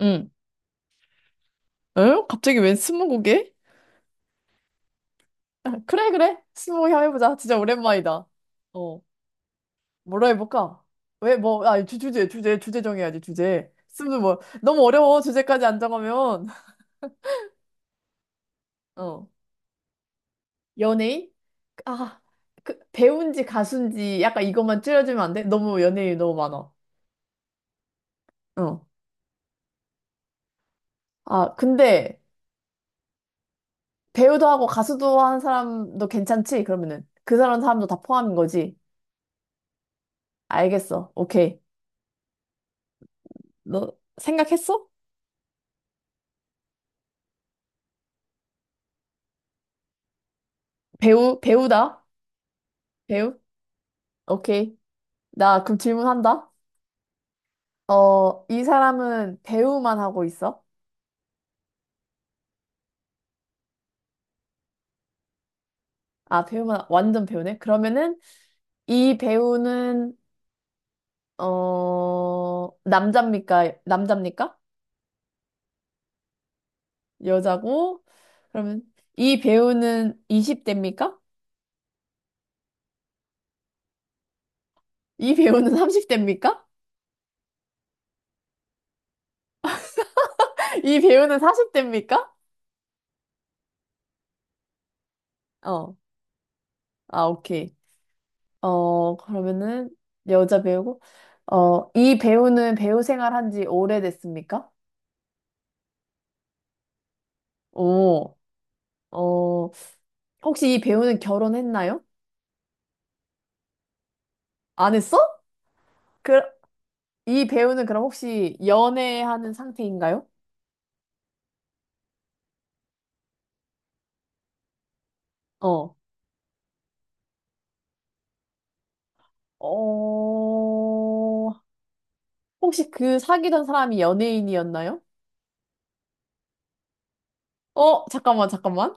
응. 어? 갑자기 웬 스무고개? 그래, 그래. 스무고개 한번 해보자. 진짜 오랜만이다. 어. 뭐로 해볼까? 왜, 뭐, 아, 주제 정해야지, 주제. 스무, 뭐, 너무 어려워. 주제까지 안 정하면. 어. 연예인? 아, 그, 배우인지 가수인지 약간 이것만 줄여주면 안 돼? 너무 연예인이 너무 많아. 어. 아, 근데 배우도 하고 가수도 하는 사람도 괜찮지? 그러면은. 그 사람 사람도 다 포함인 거지. 알겠어. 오케이. 너 생각했어? 배우, 배우다. 배우? 오케이. 나 그럼 질문한다. 어, 이 사람은 배우만 하고 있어? 아, 배우만, 완전 배우네? 그러면은 이 배우는, 어, 남자입니까? 여자고? 그러면 이 배우는 20대입니까? 이 배우는 30대입니까? 이 배우는 40대입니까? 어, 아, 오케이. 어, 그러면은 여자 배우고, 어, 이 배우는 배우 생활한 지 오래됐습니까? 오. 어, 혹시 이 배우는 결혼했나요? 안 했어? 그, 이 배우는 그럼 혹시 연애하는 상태인가요? 어. 어, 혹시 그 사귀던 사람이 연예인이었나요? 어, 잠깐만.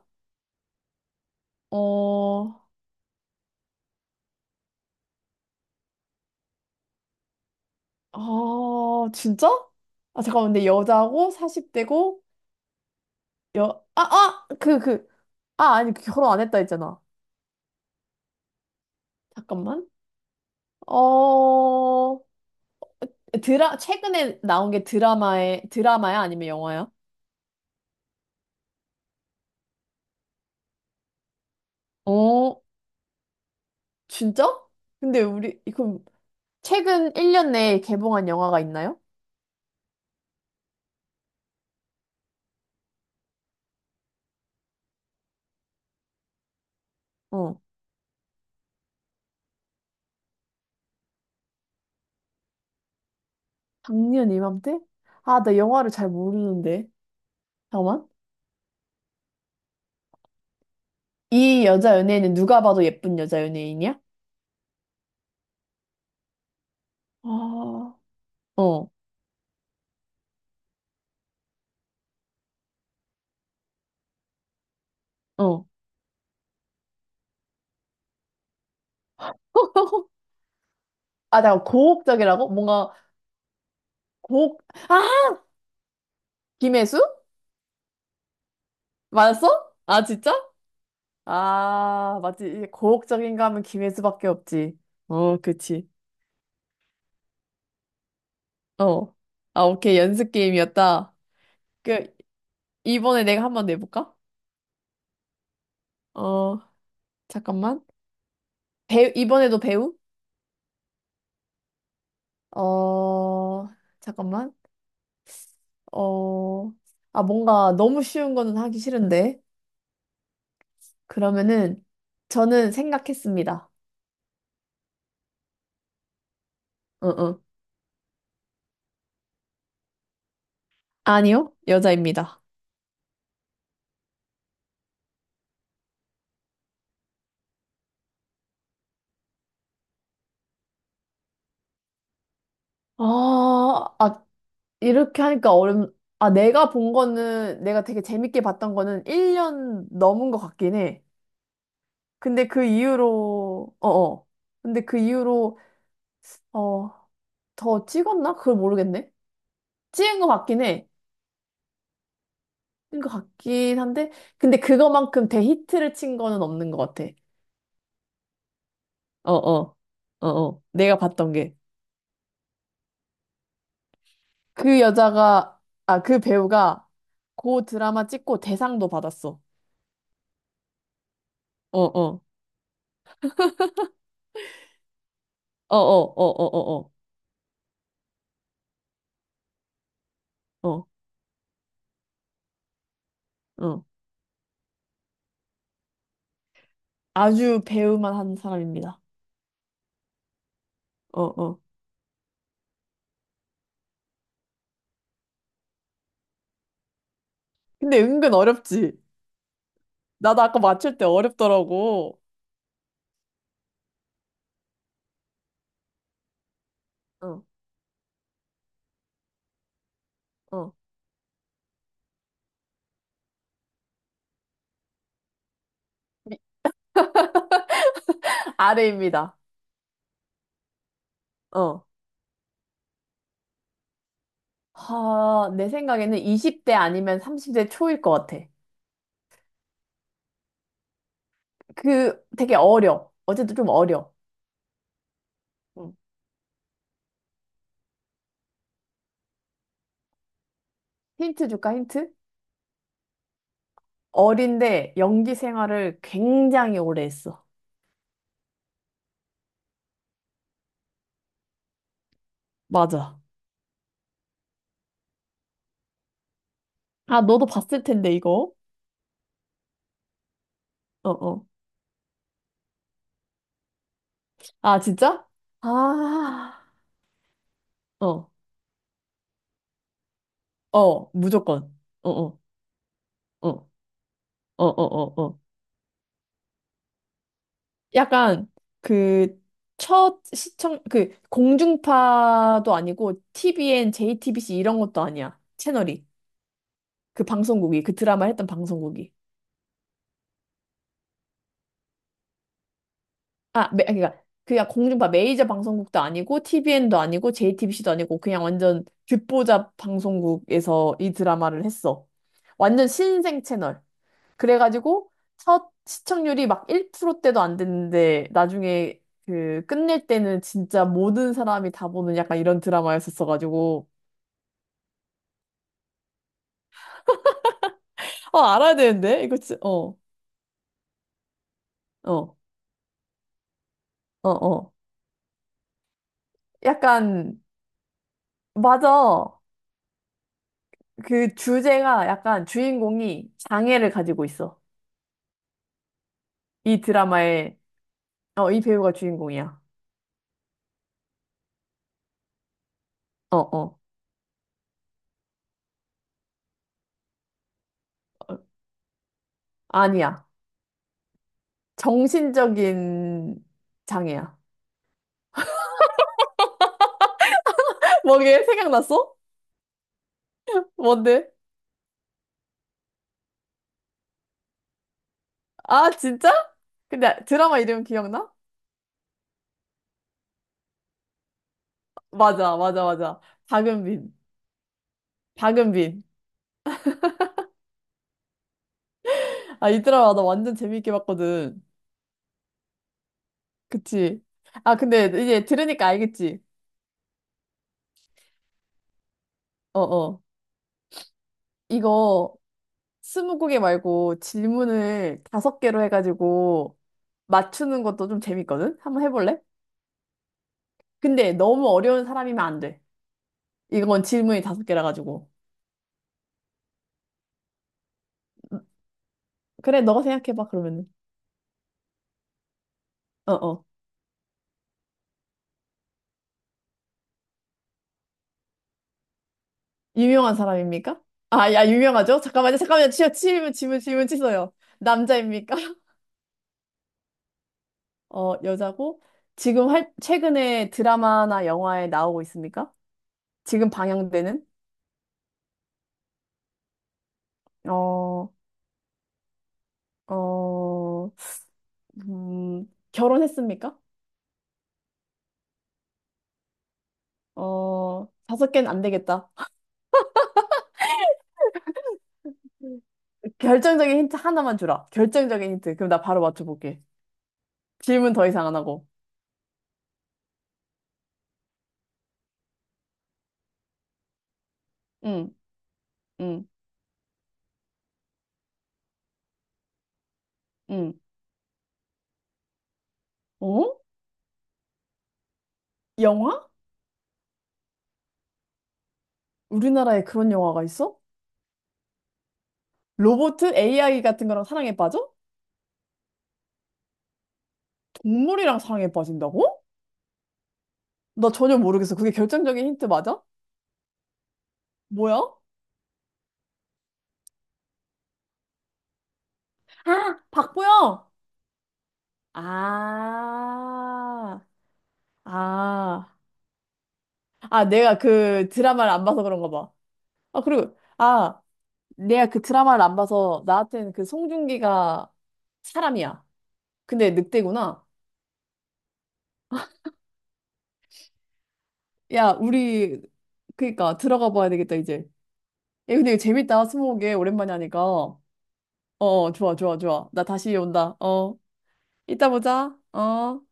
어, 아, 진짜? 아, 잠깐만, 근데 여자고, 40대고, 여, 아, 아! 그, 그, 아, 아니, 그 결혼 안 했다 했잖아. 잠깐만. 어, 드라, 최근에 나온 게 드라마에, 드라마야? 아니면 영화야? 어, 진짜? 근데 우리 그럼 최근 1년 내에 개봉한 영화가 있나요? 어. 작년 이맘때? 아, 나 영화를 잘 모르는데. 잠깐만. 이 여자 연예인은 누가 봐도 예쁜 여자 연예인이야? 아, 어, 어. 아, 잠깐 고혹적이라고? 뭔가 고혹 아, 김혜수? 맞았어? 아, 진짜? 아, 맞지. 이게 고혹적인가 하면 김혜수밖에 없지. 어, 그치. 어. 아, 오케이. 연습 게임이었다. 그, 이번에 내가 한번 내볼까? 어, 잠깐만. 배우, 이번에도 배우? 어, 잠깐만. 어, 아, 뭔가 너무 쉬운 거는 하기 싫은데. 그러면은, 저는 생각했습니다. 응, 응. 아니요, 여자입니다. 아, 아, 이렇게 하니까 어렵, 아, 내가 본 거는, 내가 되게 재밌게 봤던 거는 1년 넘은 것 같긴 해. 근데 그 이후로, 어어. 근데 그 이후로, 어, 더 찍었나? 그걸 모르겠네. 찍은 것 같긴 해. 것 같긴 한데, 근데 그거만큼 대히트를 친 거는 없는 것 같아. 어, 어, 어, 어. 내가 봤던 게. 그 여자가, 아, 그 배우가 그 드라마 찍고 대상도 받았어. 어, 어, 어, 어, 어, 어, 어, 어, 어. 어. 아주 배우만 한 사람입니다. 어, 어. 근데 은근 어렵지. 나도 아까 맞출 때 어렵더라고. 어, 어. 아래입니다. 어. 하, 내 생각에는 20대 아니면 30대 초일 것 같아. 그 되게 어려. 어제도 좀 어려. 응. 힌트 줄까, 힌트? 어린데 연기 생활을 굉장히 오래 했어. 맞아. 아, 너도 봤을 텐데, 이거. 어, 어. 아, 진짜? 아, 어, 어, 무조건. 어, 어, 어, 어, 어, 어. 어. 약간 그 첫 시청, 그 공중파도 아니고 TVN, JTBC 이런 것도 아니야. 채널이. 그 방송국이, 그 드라마 했던 방송국이. 아, 매, 그러니까 그냥 공중파 메이저 방송국도 아니고 TVN도 아니고 JTBC도 아니고 그냥 완전 귓보잡 방송국에서 이 드라마를 했어. 완전 신생 채널. 그래가지고 첫 시청률이 막 1%대도 안 됐는데 나중에 그 끝낼 때는 진짜 모든 사람이 다 보는 약간 이런 드라마였었어가지고 어 알아야 되는데 이거 진 어, 어, 어, 어. 약간 맞아. 그 주제가 약간 주인공이 장애를 가지고 있어. 이 드라마의, 어, 이 배우가 주인공이야. 어, 어. 어, 아니야. 정신적인 장애야. 뭐게? 생각났어? 뭔데? 아, 진짜? 근데 드라마 이름 기억나? 맞아, 맞아, 맞아. 박은빈. 박은빈. 아, 이 드라마 나 완전 재밌게 봤거든. 그치? 아, 근데 이제 들으니까 알겠지? 어, 어. 이거 스무 곡개 말고 질문을 다섯 개로 해가지고 맞추는 것도 좀 재밌거든? 한번 해볼래? 근데 너무 어려운 사람이면 안 돼. 이건 질문이 다섯 개라 가지고. 그래, 너가 생각해봐, 그러면은. 어, 어. 유명한 사람입니까? 아, 야, 유명하죠? 잠깐만요. 치, 질문 치세요. 남자입니까? 어, 여자고? 지금 할, 최근에 드라마나 영화에 나오고 있습니까? 지금 방영되는? 어, 어, 음, 결혼했습니까? 어, 다섯 개는 안 되겠다. 결정적인 힌트 하나만 주라. 결정적인 힌트. 그럼 나 바로 맞춰볼게. 질문 더 이상 안 하고. 응, 응, 응. 어? 영화? 우리나라에 그런 영화가 있어? 로봇? AI 같은 거랑 사랑에 빠져? 동물이랑 사랑에 빠진다고? 나 전혀 모르겠어. 그게 결정적인 힌트 맞아? 뭐야? 아, 박보영! 아, 아, 아, 내가 그 드라마를 안 봐서 그런가 봐. 아, 그리고, 아, 내가 그 드라마를 안 봐서 나한테는 그 송중기가 사람이야. 근데 늑대구나. 야, 우리, 그니까, 들어가 봐야 되겠다, 이제. 야, 근데 이거 재밌다, 스무고개. 오랜만에 하니까. 어, 좋아, 좋아, 좋아. 나 다시 온다. 어, 이따 보자. 어.